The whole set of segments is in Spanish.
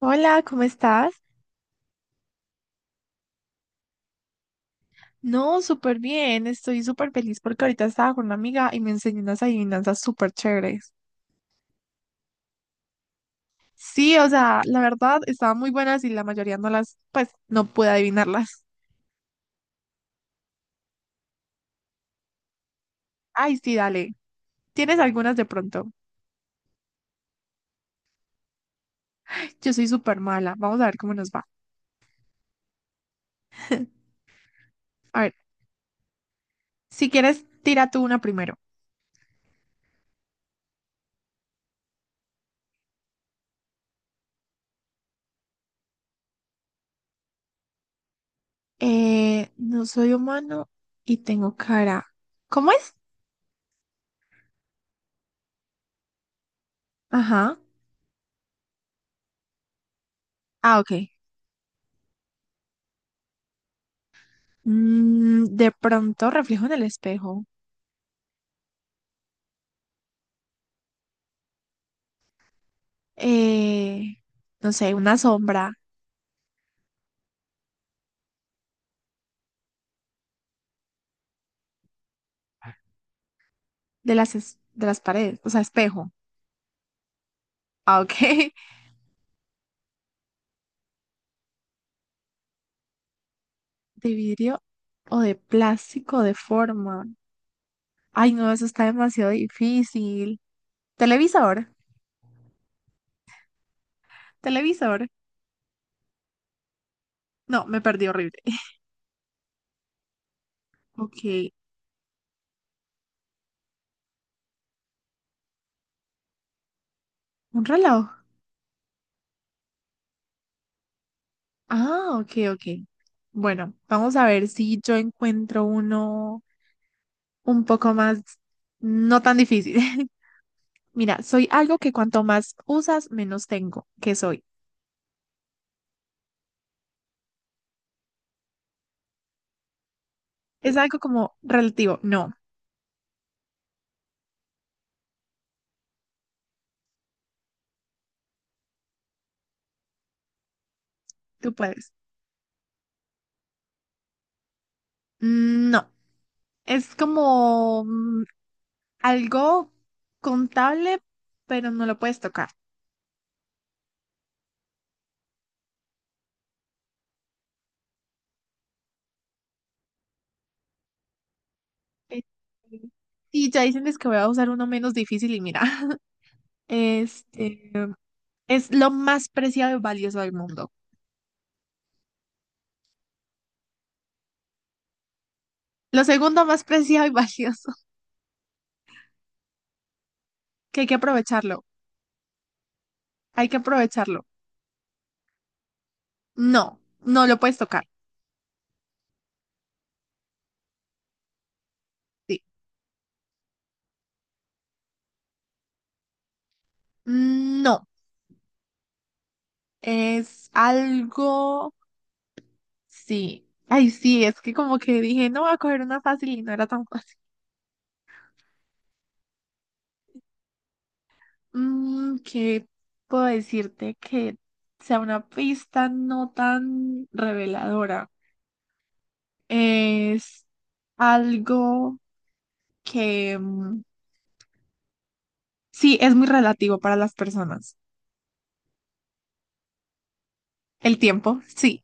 Hola, ¿cómo estás? No, súper bien, estoy súper feliz porque ahorita estaba con una amiga y me enseñó unas adivinanzas súper chéveres. Sí, o sea, la verdad estaban muy buenas y la mayoría no las, pues, no pude adivinarlas. Ay, sí, dale. ¿Tienes algunas de pronto? Yo soy súper mala, vamos a ver cómo nos va. A ver, si quieres, tira tú una primero. No soy humano y tengo cara. ¿Cómo es? Ajá. Ah, ok. Mm, de pronto reflejo en el espejo. eh, no sé, una sombra de las, de las paredes, o sea, espejo. Ah, ok. De vidrio o de plástico de forma. Ay, no, eso está demasiado difícil. Televisor, televisor. No, me perdí horrible. Ok, un reloj. Ah, ok, ok. Bueno, vamos a ver si yo encuentro uno un poco más, no tan difícil. Mira, soy algo que cuanto más usas, menos tengo. ¿Qué soy? Es algo como relativo. No, tú puedes. No, es como algo contable, pero no lo puedes tocar. Eh, Y ya dicen es que voy a usar uno menos difícil y mira, este es lo más preciado y valioso del mundo. Lo segundo más preciado y valioso, que hay que aprovecharlo. Hay que aprovecharlo. No, no lo puedes tocar. Sí. No, es algo. Sí. Ay, sí, es que como que dije, no voy a coger una fácil y no era tan fácil. Mm, ¿qué puedo decirte que sea una pista no tan reveladora? Es algo que sí es muy relativo para las personas. El tiempo, sí.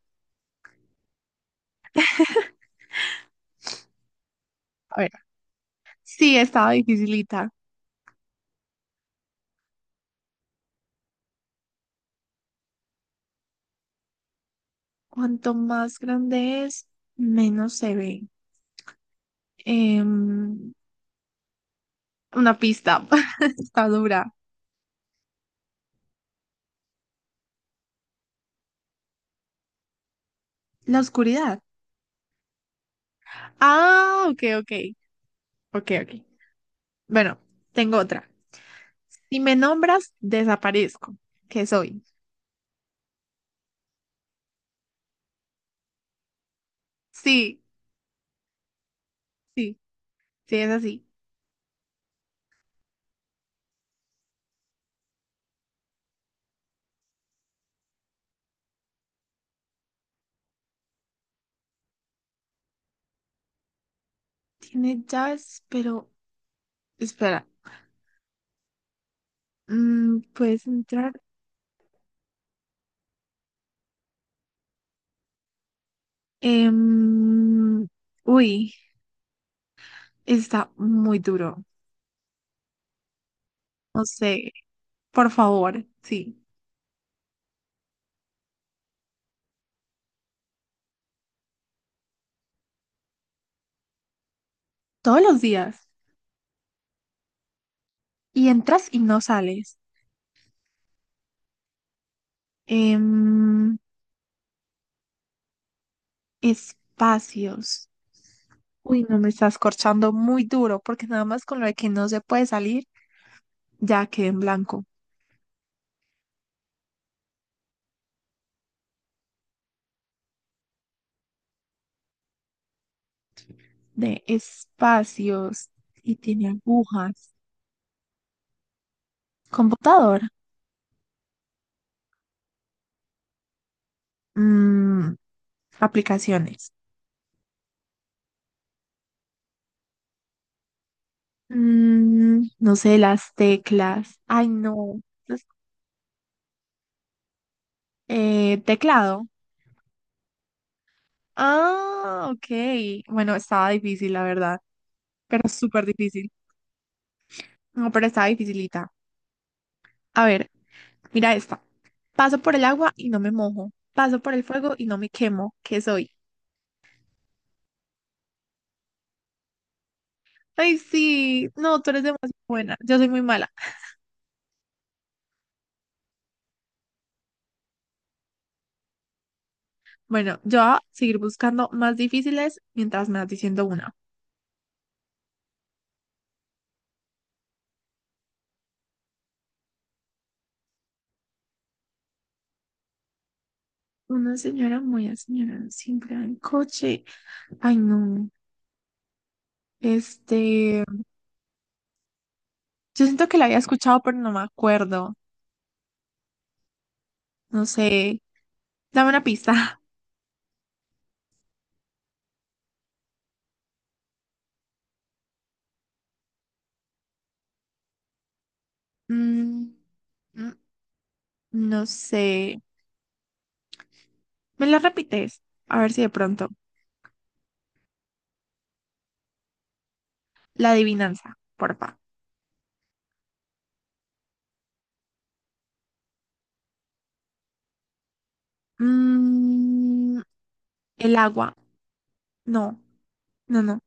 A ver, sí estaba dificilita. Cuanto más grande es, menos se ve. Em, una pista está dura. La oscuridad. Ah, ok, ok, ok, ok. Bueno, tengo otra. Si me nombras, desaparezco. ¿Qué soy? Sí, sí, sí, es así. Tiene llaves, pero... Espera. Mm, ¿puedes entrar? Em, Uy, está muy duro. No sé, por favor, sí. Todos los días. Y entras y no sales. Em, espacios. Uy, no me estás corchando muy duro, porque nada más con lo de que no se puede salir. Ya quedé en blanco. De espacios y tiene agujas. Computadora. Mm, aplicaciones. Mm, no sé, las teclas. Ay, no. Las- Teclado. Ah, ok. Bueno, estaba difícil, la verdad. Pero súper difícil. No, pero estaba dificilita. A ver, mira esta. Paso por el agua y no me mojo. Paso por el fuego y no me quemo. ¿Qué soy? Ay, sí. No, tú eres demasiado buena. Yo soy muy mala. Bueno, yo voy a seguir buscando más difíciles mientras me vas diciendo una. Una señora muy señora siempre va en coche. Ay, no. Este, yo siento que la había escuchado, pero no me acuerdo. No sé. Dame una pista. Mm, mm, no sé. ¿Me la repites? A ver si de pronto. La adivinanza, porfa. Mm, el agua. No, no, no.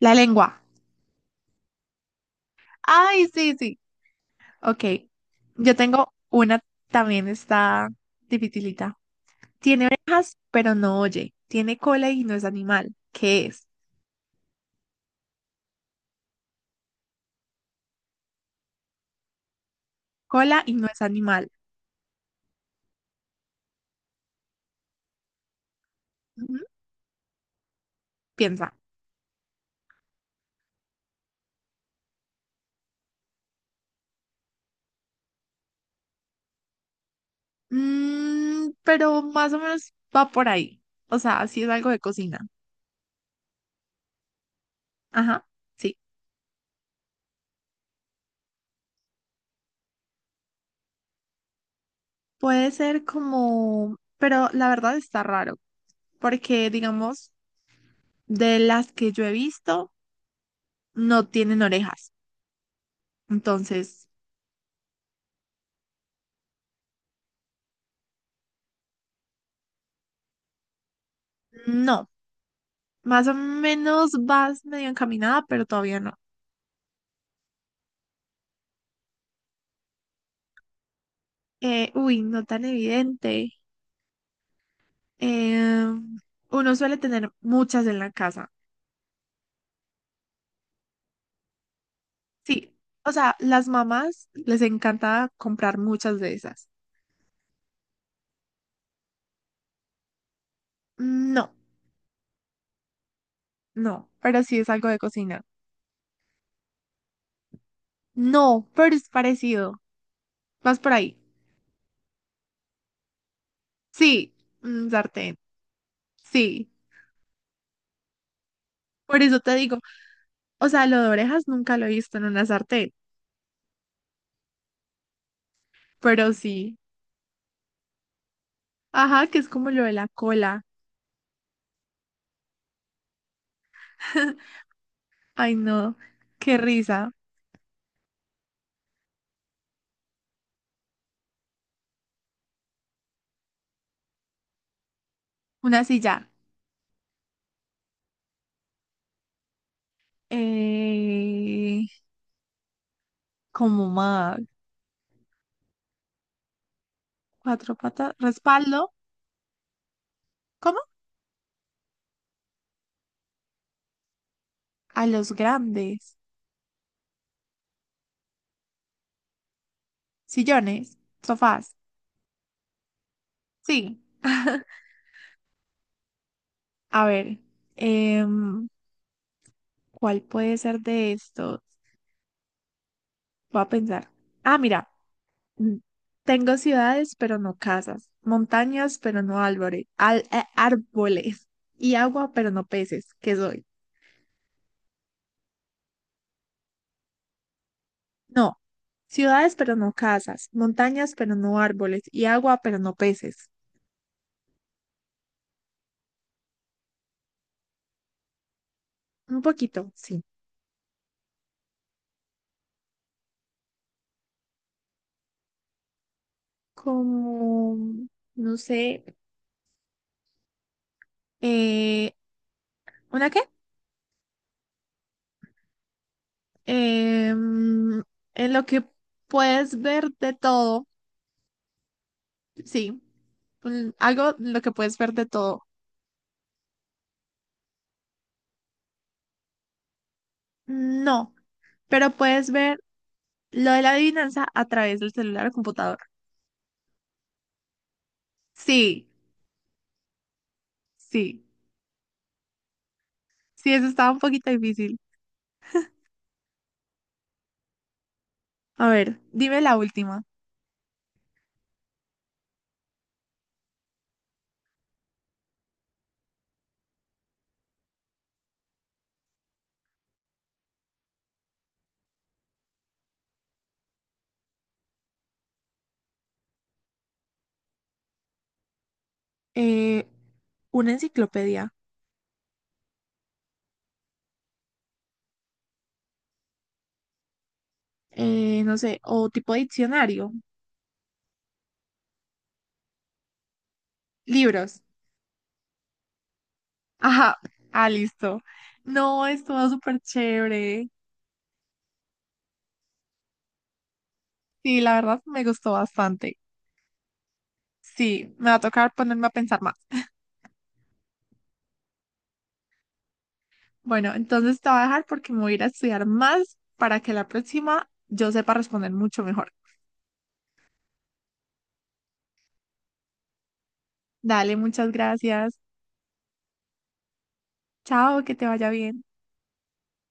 La lengua. Ay, sí, sí. Ok, yo tengo una, también está dificilita. Tiene orejas, pero no oye. Tiene cola y no es animal. ¿Qué es? Cola y no es animal. Ujú, piensa. Mm, pero más o menos va por ahí. O sea, sí es algo de cocina. Ajá, sí. Puede ser como, pero la verdad está raro, porque digamos, de las que yo he visto, no tienen orejas. Entonces, no. Más o menos vas medio encaminada, pero todavía no. Uy, no tan evidente. Em, Uno suele tener muchas en la casa. Sí, o sea, las mamás les encanta comprar muchas de esas. No, no, pero sí es algo de cocina. No, pero es parecido. Vas por ahí. Sí, un sartén. Sí, por eso te digo. O sea, lo de orejas nunca lo he visto en una sartén, pero sí. Ajá, que es como lo de la cola. Ay, no, qué risa. Una silla. Eh, Como más. Cuatro patas. Respaldo. ¿Cómo? A los grandes. Sillones. Sofás. Sí. A ver. em, ¿Cuál puede ser de estos? Voy a pensar. Ah, mira. mm, Tengo ciudades, pero no casas. Montañas, pero no árboles. Árboles. Y agua, pero no peces. ¿Qué soy? No, ciudades pero no casas, montañas pero no árboles y agua pero no peces. Un poquito, sí. Como, no sé, eh, ¿una qué? Em, en lo que puedes ver de todo, sí. Algo en lo que puedes ver de todo. No, pero puedes ver lo de la adivinanza a través del celular o computador. Sí, sí, sí, eso estaba un poquito difícil. A ver, dime la última. Eh, una enciclopedia, no sé, o tipo diccionario, libros. Ajá, ah, listo. No, estuvo súper chévere. Sí, la verdad me gustó bastante. Sí, me va a tocar ponerme a pensar más. Bueno, entonces te voy a dejar porque me voy a ir a estudiar más para que la próxima yo sepa responder mucho mejor. Dale, muchas gracias. Chao, que te vaya bien.